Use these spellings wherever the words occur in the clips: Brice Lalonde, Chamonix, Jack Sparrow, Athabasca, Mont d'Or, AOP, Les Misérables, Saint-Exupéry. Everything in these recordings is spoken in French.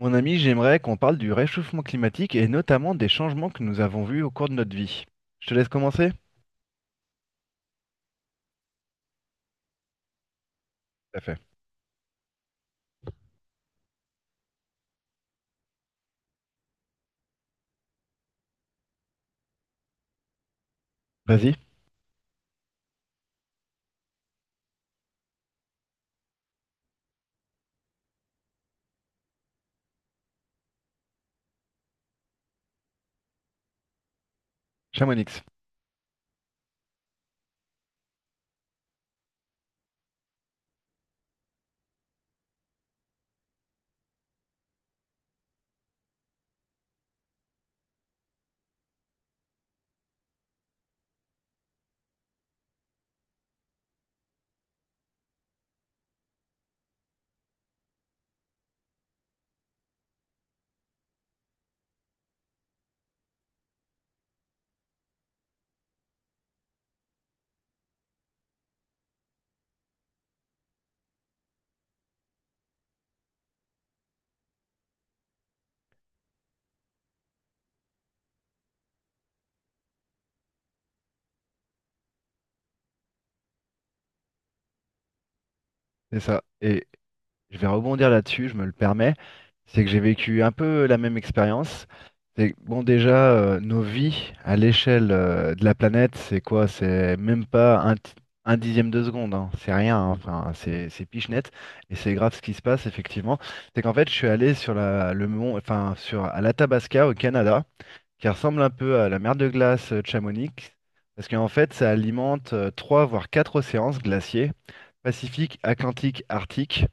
Mon ami, j'aimerais qu'on parle du réchauffement climatique et notamment des changements que nous avons vus au cours de notre vie. Je te laisse commencer? Tout à fait. Vas-y, Chamonix, c'est ça. Et je vais rebondir là-dessus, je me le permets. C'est que j'ai vécu un peu la même expérience. C'est que, bon, déjà, nos vies à l'échelle de la planète, c'est quoi? C'est même pas un, un dixième de seconde, hein. C'est rien, hein. Enfin, c'est pichenette. Et c'est grave ce qui se passe, effectivement. C'est qu'en fait, je suis allé sur la, le mont, enfin, sur, à l'Athabasca, au Canada, qui ressemble un peu à la mer de glace de Chamonix, parce qu'en fait, ça alimente trois voire quatre océans glaciers, Pacifique, Atlantique, Arctique,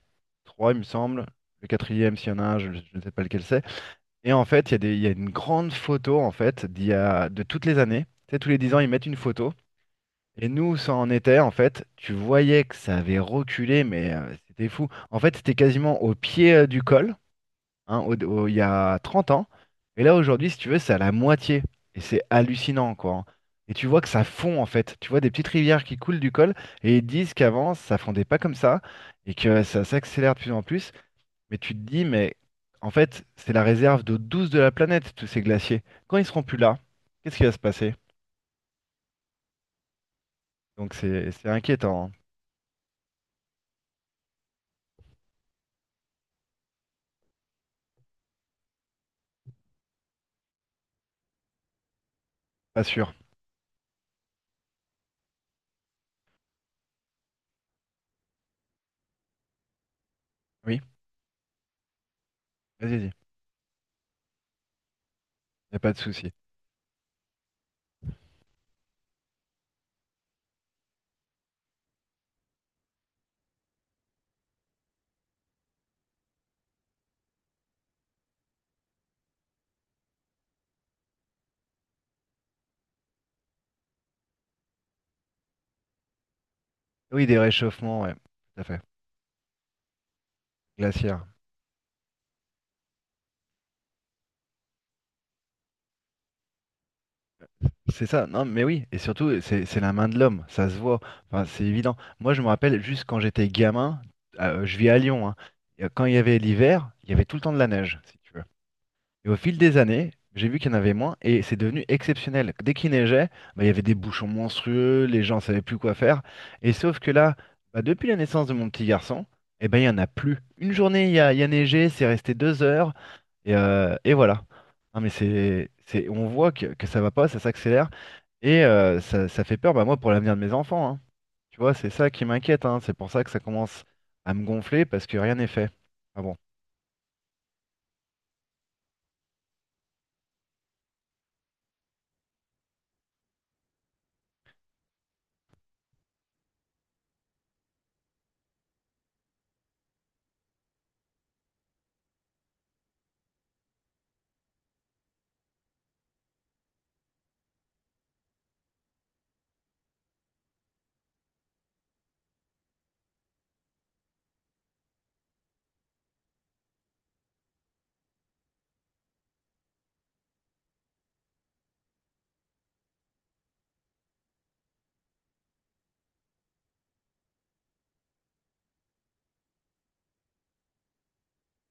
trois, il me semble. Le quatrième, s'il y en a un, je ne sais pas lequel c'est. Et en fait, il y a des, il y a une grande photo en fait d'il y a, de toutes les années. Tu sais, tous les 10 ans, ils mettent une photo. Et nous, ça en était, en fait, tu voyais que ça avait reculé, mais c'était fou. En fait, c'était quasiment au pied du col, hein, il y a 30 ans. Et là, aujourd'hui, si tu veux, c'est à la moitié. Et c'est hallucinant, quoi, hein. Et tu vois que ça fond, en fait. Tu vois des petites rivières qui coulent du col, et ils disent qu'avant, ça fondait pas comme ça, et que ça s'accélère de plus en plus. Mais tu te dis, mais en fait, c'est la réserve d'eau douce de la planète, tous ces glaciers. Quand ils seront plus là, qu'est-ce qui va se passer? Donc c'est inquiétant, hein. Pas sûr. Oui, vas-y, vas-y. Y a pas de souci. Oui, des réchauffements, ouais. Tout à fait. Glaciaires. C'est ça, non, mais oui, et surtout, c'est la main de l'homme, ça se voit, enfin, c'est évident. Moi, je me rappelle juste quand j'étais gamin, je vis à Lyon, hein, et, quand il y avait l'hiver, il y avait tout le temps de la neige, si tu veux. Et au fil des années, j'ai vu qu'il y en avait moins, et c'est devenu exceptionnel. Dès qu'il neigeait, bah, il y avait des bouchons monstrueux, les gens savaient plus quoi faire, et sauf que là, bah, depuis la naissance de mon petit garçon, eh ben, il n'y en a plus. Une journée, il y a neigé, c'est resté 2 heures, et voilà. Ah, mais c'est, on voit que ça va pas, ça s'accélère. Et ça, ça fait peur, bah, moi, pour l'avenir de mes enfants, hein. Tu vois, c'est ça qui m'inquiète, hein. C'est pour ça que ça commence à me gonfler parce que rien n'est fait. Ah bon.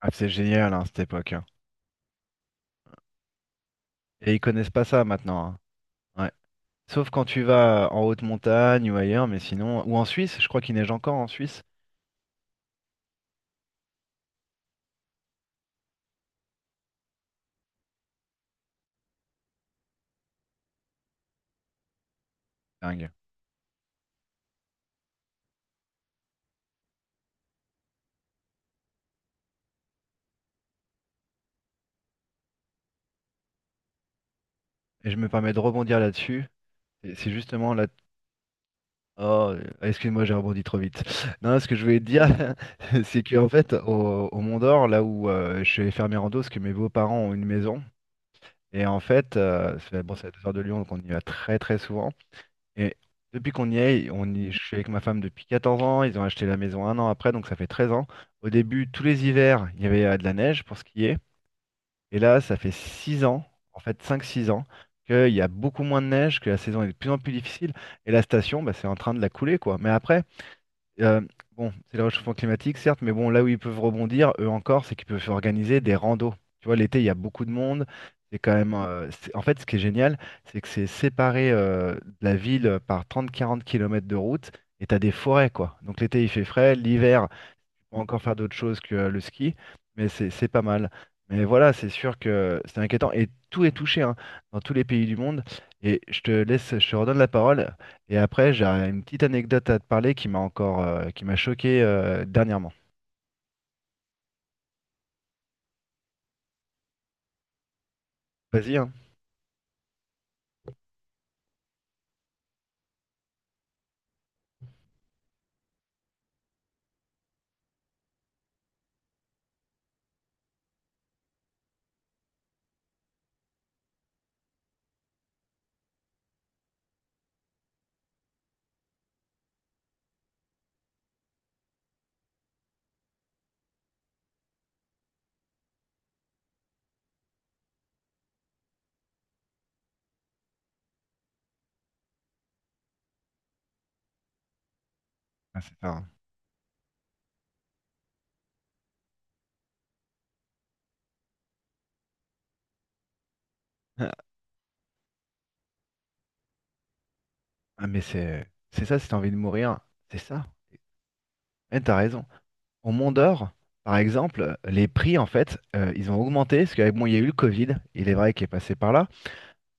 Ah, c'est génial, hein, cette époque, hein. Et ils connaissent pas ça maintenant, hein. Ouais. Sauf quand tu vas en haute montagne ou ailleurs, mais sinon. Ou en Suisse, je crois qu'il neige encore en Suisse. Dingue. Et je me permets de rebondir là-dessus. Et c'est justement là. Oh, excuse-moi, j'ai rebondi trop vite. Non, ce que je voulais te dire, c'est qu'en fait, au, au Mont d'Or, là où je vais faire mes randos, parce que mes beaux-parents ont une maison. Et en fait, c'est- bon, c'est à 2 heures de Lyon, donc on y va très très souvent. Et depuis qu'on y est, on y, je suis avec ma femme depuis 14 ans. Ils ont acheté la maison un an après, donc ça fait 13 ans. Au début, tous les hivers, il y avait de la neige pour skier. Et là, ça fait 6 ans, en fait cinq six ans, qu'il y a beaucoup moins de neige, que la saison est de plus en plus difficile. Et la station, bah, c'est en train de la couler, quoi. Mais après, euh, bon, c'est le réchauffement climatique, certes, mais bon, là où ils peuvent rebondir, eux encore, c'est qu'ils peuvent organiser des randos. Tu vois, l'été, il y a beaucoup de monde. C'est quand même. En fait, ce qui est génial, c'est que c'est séparé de la ville par 30 quarante km de route et t'as des forêts, quoi. Donc l'été, il fait frais. L'hiver, va encore faire d'autres choses que le ski, mais c'est pas mal. Mais voilà, c'est sûr que c'est inquiétant. Et tout est touché, hein, dans tous les pays du monde. Et je te laisse, je te redonne la parole. Et après, j'ai une petite anecdote à te parler qui m'a encore, qui m'a choqué dernièrement. Vas-y, hein. Ah, c'est ça, hein. Ah, mais c'est ça, si t'as envie de mourir, c'est ça. Eh, t'as raison. Au Mont d'Or, par exemple, les prix, en fait, ils ont augmenté parce qu'avec moi, il y a eu le Covid. Il est vrai qu'il est passé par là,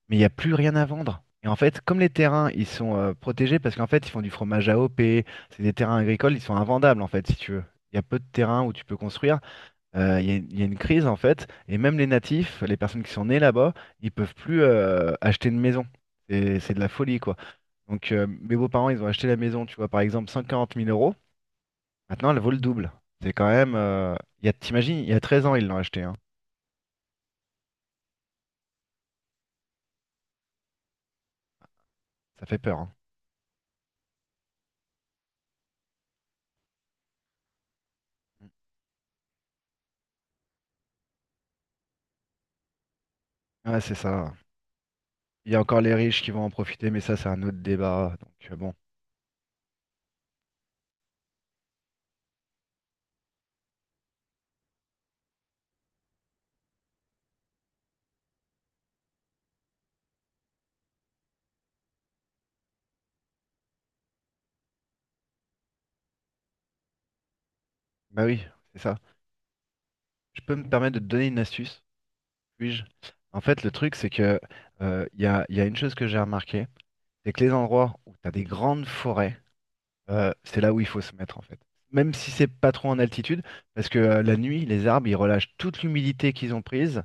mais il n'y a plus rien à vendre. Et en fait, comme les terrains, ils sont protégés parce qu'en fait, ils font du fromage à AOP, c'est des terrains agricoles, ils sont invendables en fait, si tu veux. Il y a peu de terrains où tu peux construire. Il y a une crise en fait, et même les natifs, les personnes qui sont nées là-bas, ils peuvent plus acheter une maison. C'est de la folie, quoi. Donc mes beaux-parents, ils ont acheté la maison, tu vois, par exemple 140 000 euros. Maintenant, elle vaut le double. C'est quand même. Il y a, t'imagines, il y a 13 ans, ils l'ont acheté, hein. Ça fait peur, hein. Ouais, c'est ça. Il y a encore les riches qui vont en profiter, mais ça, c'est un autre débat. Donc, bon, bah oui, c'est ça. Je peux me permettre de te donner une astuce, puis-je? En fait, le truc, c'est que il y a une chose que j'ai remarquée, c'est que les endroits où tu as des grandes forêts, c'est là où il faut se mettre, en fait. Même si c'est pas trop en altitude, parce que la nuit, les arbres, ils relâchent toute l'humidité qu'ils ont prise.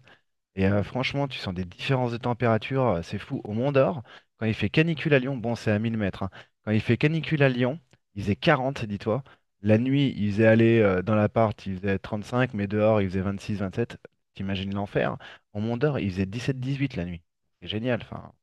Et franchement, tu sens des différences de température, c'est fou. Au Mont d'Or, quand il fait canicule à Lyon, bon, c'est à 1 000 mètres, hein. Quand il fait canicule à Lyon, il faisait 40, dis-toi. La nuit, il faisait aller dans l'appart, il faisait 35, mais dehors, il faisait 26, 27. T'imagines l'enfer. Au Mont d'Or, il faisait 17, 18 la nuit. C'est génial, enfin.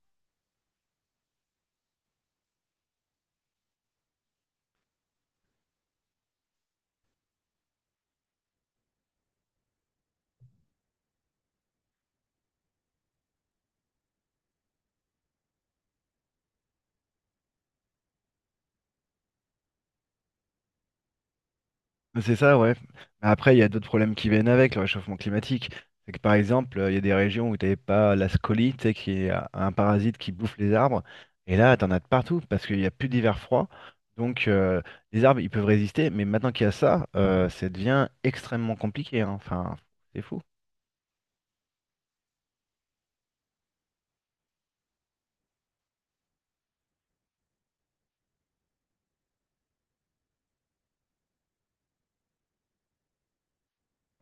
C'est ça, ouais. Mais après, il y a d'autres problèmes qui viennent avec le réchauffement climatique. C'est que par exemple, il y a des régions où t'avais pas la scolie, tu sais, qui est un parasite qui bouffe les arbres. Et là, t'en as de partout parce qu'il n'y a plus d'hiver froid. Donc, les arbres, ils peuvent résister. Mais maintenant qu'il y a ça, ça devient extrêmement compliqué, hein. Enfin, c'est fou.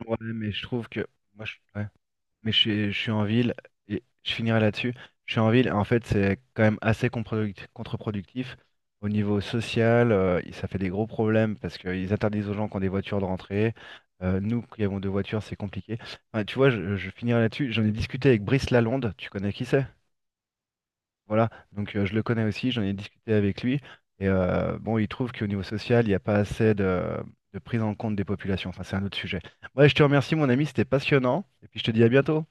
Ouais, mais je trouve que. Moi, je... ouais. Mais je suis en ville, et je finirai là-dessus. Je suis en ville, et en fait, c'est quand même assez contre-productif. Au niveau social, ça fait des gros problèmes parce qu'ils interdisent aux gens qui ont des voitures de rentrer. Nous qui avons 2 voitures, c'est compliqué. Enfin, tu vois, je finirai là-dessus. J'en ai discuté avec Brice Lalonde, tu connais qui c'est? Voilà, donc je le connais aussi, j'en ai discuté avec lui. Et bon, il trouve qu'au niveau social, il n'y a pas assez de prise en compte des populations. Enfin, c'est un autre sujet. Ouais, je te remercie, mon ami, c'était passionnant. Et puis, je te dis à bientôt.